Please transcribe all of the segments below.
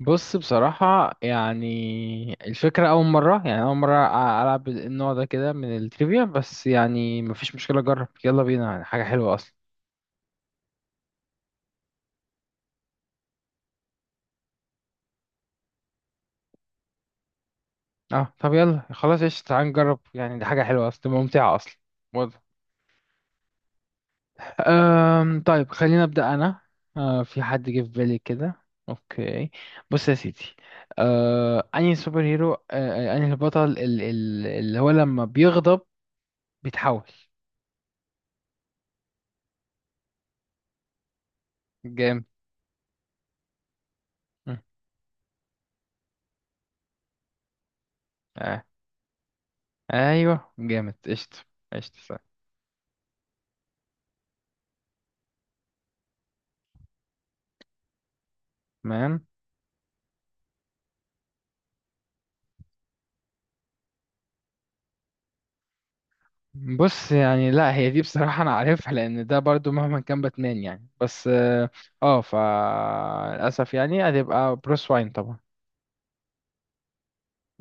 بص، بصراحة يعني الفكرة أول مرة يعني أول مرة أ- ألعب النوع ده كده من التريفيا. بس يعني مفيش مشكلة، أجرب، يلا بينا، يعني حاجة حلوة أصلا. أه، طب يلا خلاص قشطة، تعال نجرب، يعني دي حاجة حلوة أصلا، تبقى ممتعة أصلا. واضح. طيب، خليني أبدأ أنا. أه، في حد جه في بالي كده. أوكي. بص يا سيدي. أه أنهي سوبر هيرو أه آه، أنهي البطل اللي هو لما بيغضب بيتحول. جامد. مم. ايوه، جامد، قشطة. قشطة، صح. تمام. بص، يعني لا، هي دي بصراحة أنا عارفها، لأن ده برضو مهما كان باتمان يعني. بس اه آه، فا للأسف يعني هتبقى بروس واين طبعا.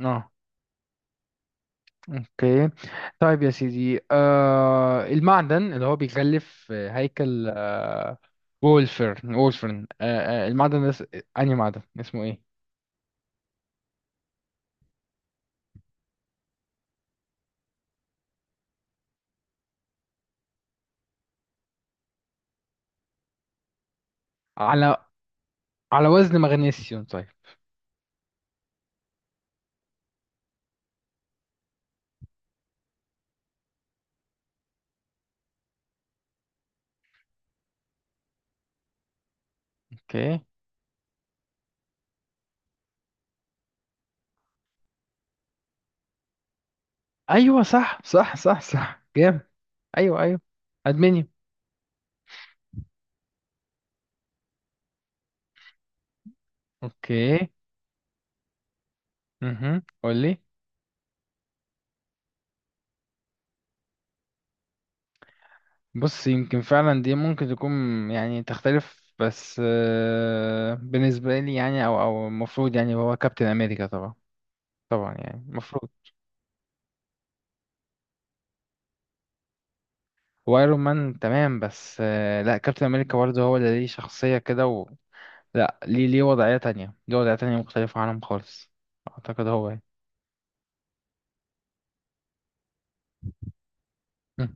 اه. اوكي. طيب يا سيدي، المعدن اللي هو بيغلف هيكل وولفرن، أنهي معدن؟ اسمه ايه؟ على على وزن مغنيسيوم. طيب. اوكي. ايوه، صح صح صح صح، جامد. ايوه ايوه. ادمنيوم. اوكي. قول لي. بص، يمكن فعلا دي ممكن تكون يعني تختلف، بس بالنسبه لي يعني، او المفروض يعني هو كابتن امريكا طبعا. طبعا يعني المفروض. وايرون مان، تمام، بس لا، كابتن امريكا برضه هو اللي ليه شخصيه كده. و... لا، ليه وضعيه تانية، ليه وضعيه تانية مختلفه عنهم خالص. اعتقد هو يعني. مم.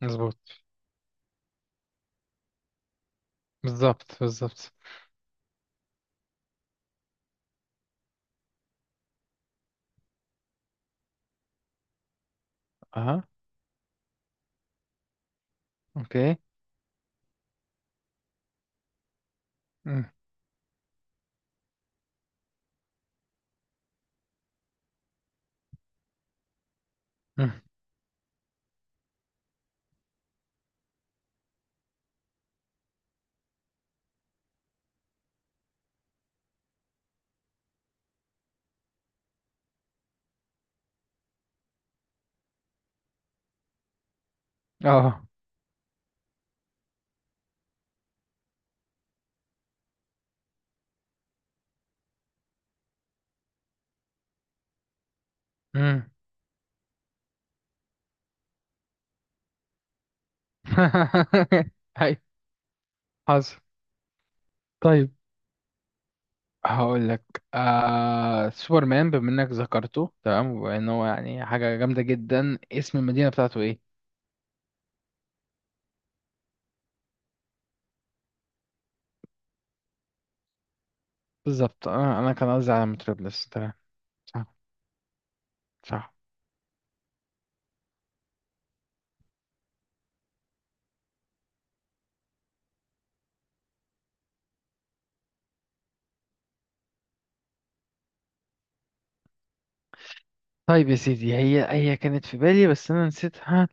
مظبوط. بالظبط، بالظبط. اها. اوكي. مم. اه. مم. هاي. حصل. طيب، هقول لك سوبرمان، بما انك ذكرته، تمام، وان هو يعني حاجه جامده جدا. اسم المدينه بتاعته ايه؟ بالظبط، انا كان قصدي على متروبوليس. تمام. صح. صح. طيب يا سيدي، هي كانت في بالي، بس انا نسيتها.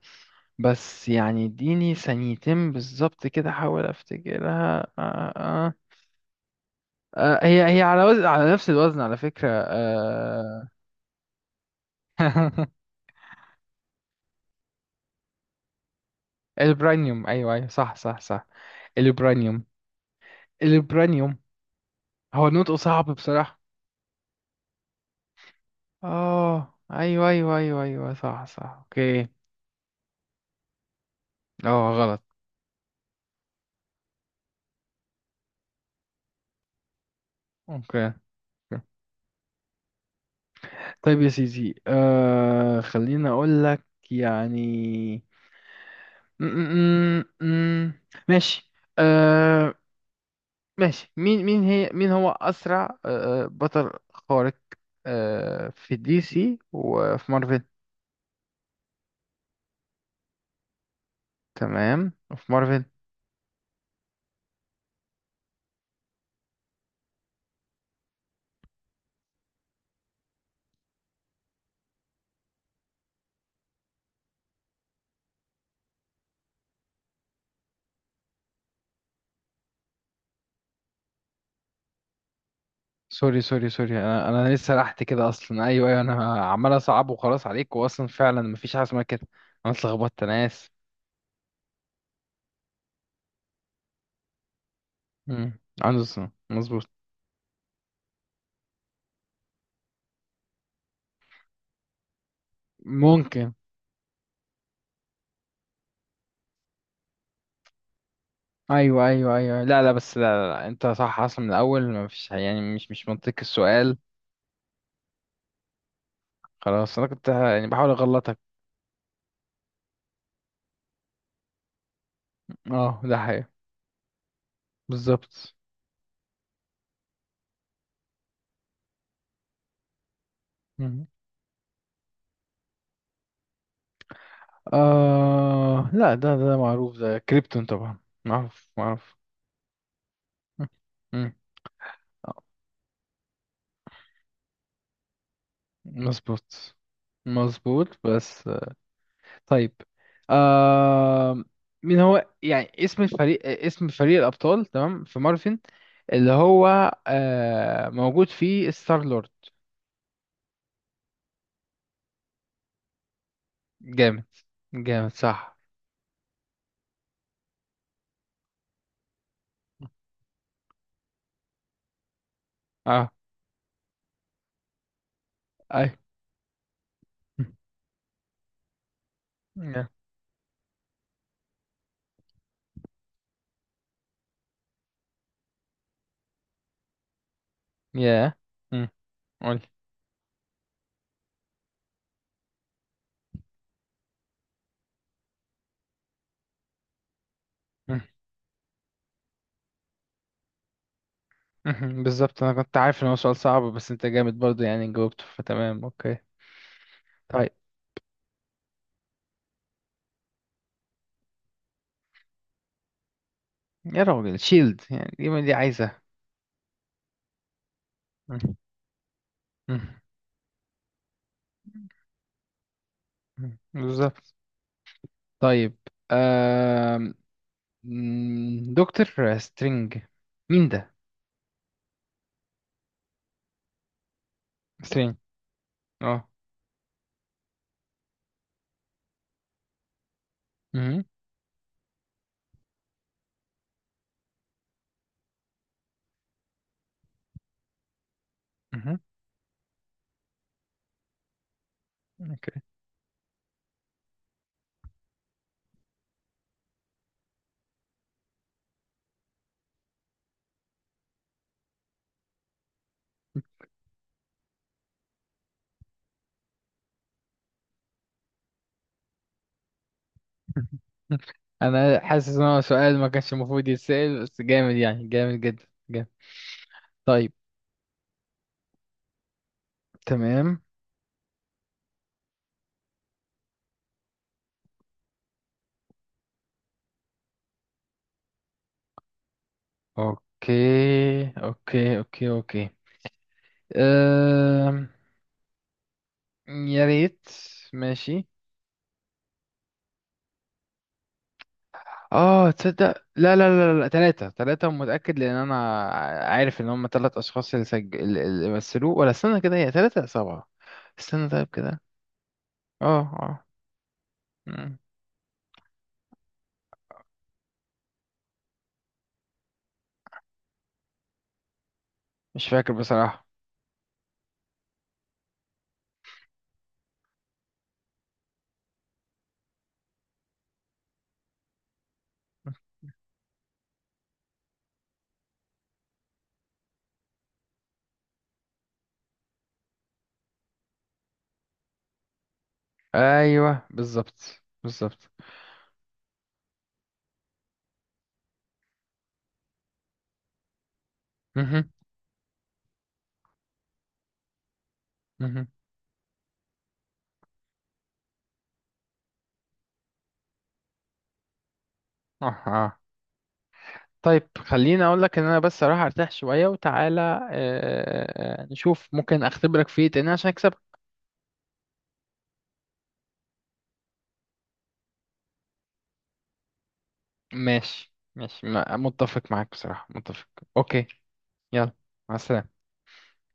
بس يعني اديني ثانيتين بالظبط كده، احاول افتكرها. هي على نفس الوزن، على فكره. البرانيوم. ايوه ايوه، صح صح صح. البرانيوم. البرانيوم، هو نطقه صعب بصراحة. اه، ايوه ايوه ايوه ايوه، صح صح، اوكي. اه، غلط. اوكي. طيب يا سيدي، خليني اقول لك، يعني. م- م- م- م. ماشي. آه ماشي، مين هو اسرع بطل خارق في دي سي وفي مارفل؟ تمام، وفي مارفل؟ سوري سوري سوري، انا لسه سرحت كده اصلا. ايوه ايوه، انا عمال اصعب وخلاص عليك، واصلا فعلا مفيش حاجه اسمها كده. انا اتلخبطت، انا اسف. عنده سنة. مظبوط. ممكن. ايوه ايوه ايوه، لا لا، بس لا، لا، لا. انت صح اصلا من الاول، مفيش يعني، مش منطقي السؤال. خلاص، انا كنت يعني بحاول اغلطك. اه، ده حقيقي. بالظبط. مم. لا، ده معروف، ده كريبتون طبعا. معروف، معروف. مم. مم. مظبوط. مظبوط، بس. طيب. آه... مين هو يعني اسم الفريق، اسم فريق الأبطال، تمام، في مارفن، اللي هو موجود فيه ستار لورد؟ جامد. جامد، صح. اه. اي. يا. يا. مم. قول. مم. مم. بالظبط، انا كنت عارف ان هو سؤال صعب، بس انت جامد برضو يعني، جاوبته، فتمام، اوكي. طيب. يا راجل، شيلد يعني، دي ما دي عايزة. مم. مم. مم. بالظبط. طيب. دكتور سترينج، مين ده؟ سترينج. اه. مهم. مهم. اوكي. انا حاسس ان هو سؤال ما كانش المفروض يتسأل، بس جامد يعني، جامد جدا جامد. طيب. تمام. اوكي، اوكي، اوكي، اوكي. أم... يا ريت. ماشي. اه، تصدق؟ لا لا. لا لا، ثلاثة ثلاثة، متأكد، لأن أنا عارف إن هم ثلاث أشخاص اللي اللي مثلوه. ولا استنى كده، هي ثلاثة سبعة؟ استنى طيب كده. اه. اه. مم. مش فاكر بصراحة. ايوه، بالظبط، بالظبط. مهم. مهم. اه، اه. طيب، خليني اقول لك ان انا بس اروح ارتاح شوية وتعالى، نشوف ممكن اختبرك في ايه تاني عشان اكسبك. ماشي ماشي، متفق معاك بصراحة، متفق. اوكي. يلا. مع السلامة.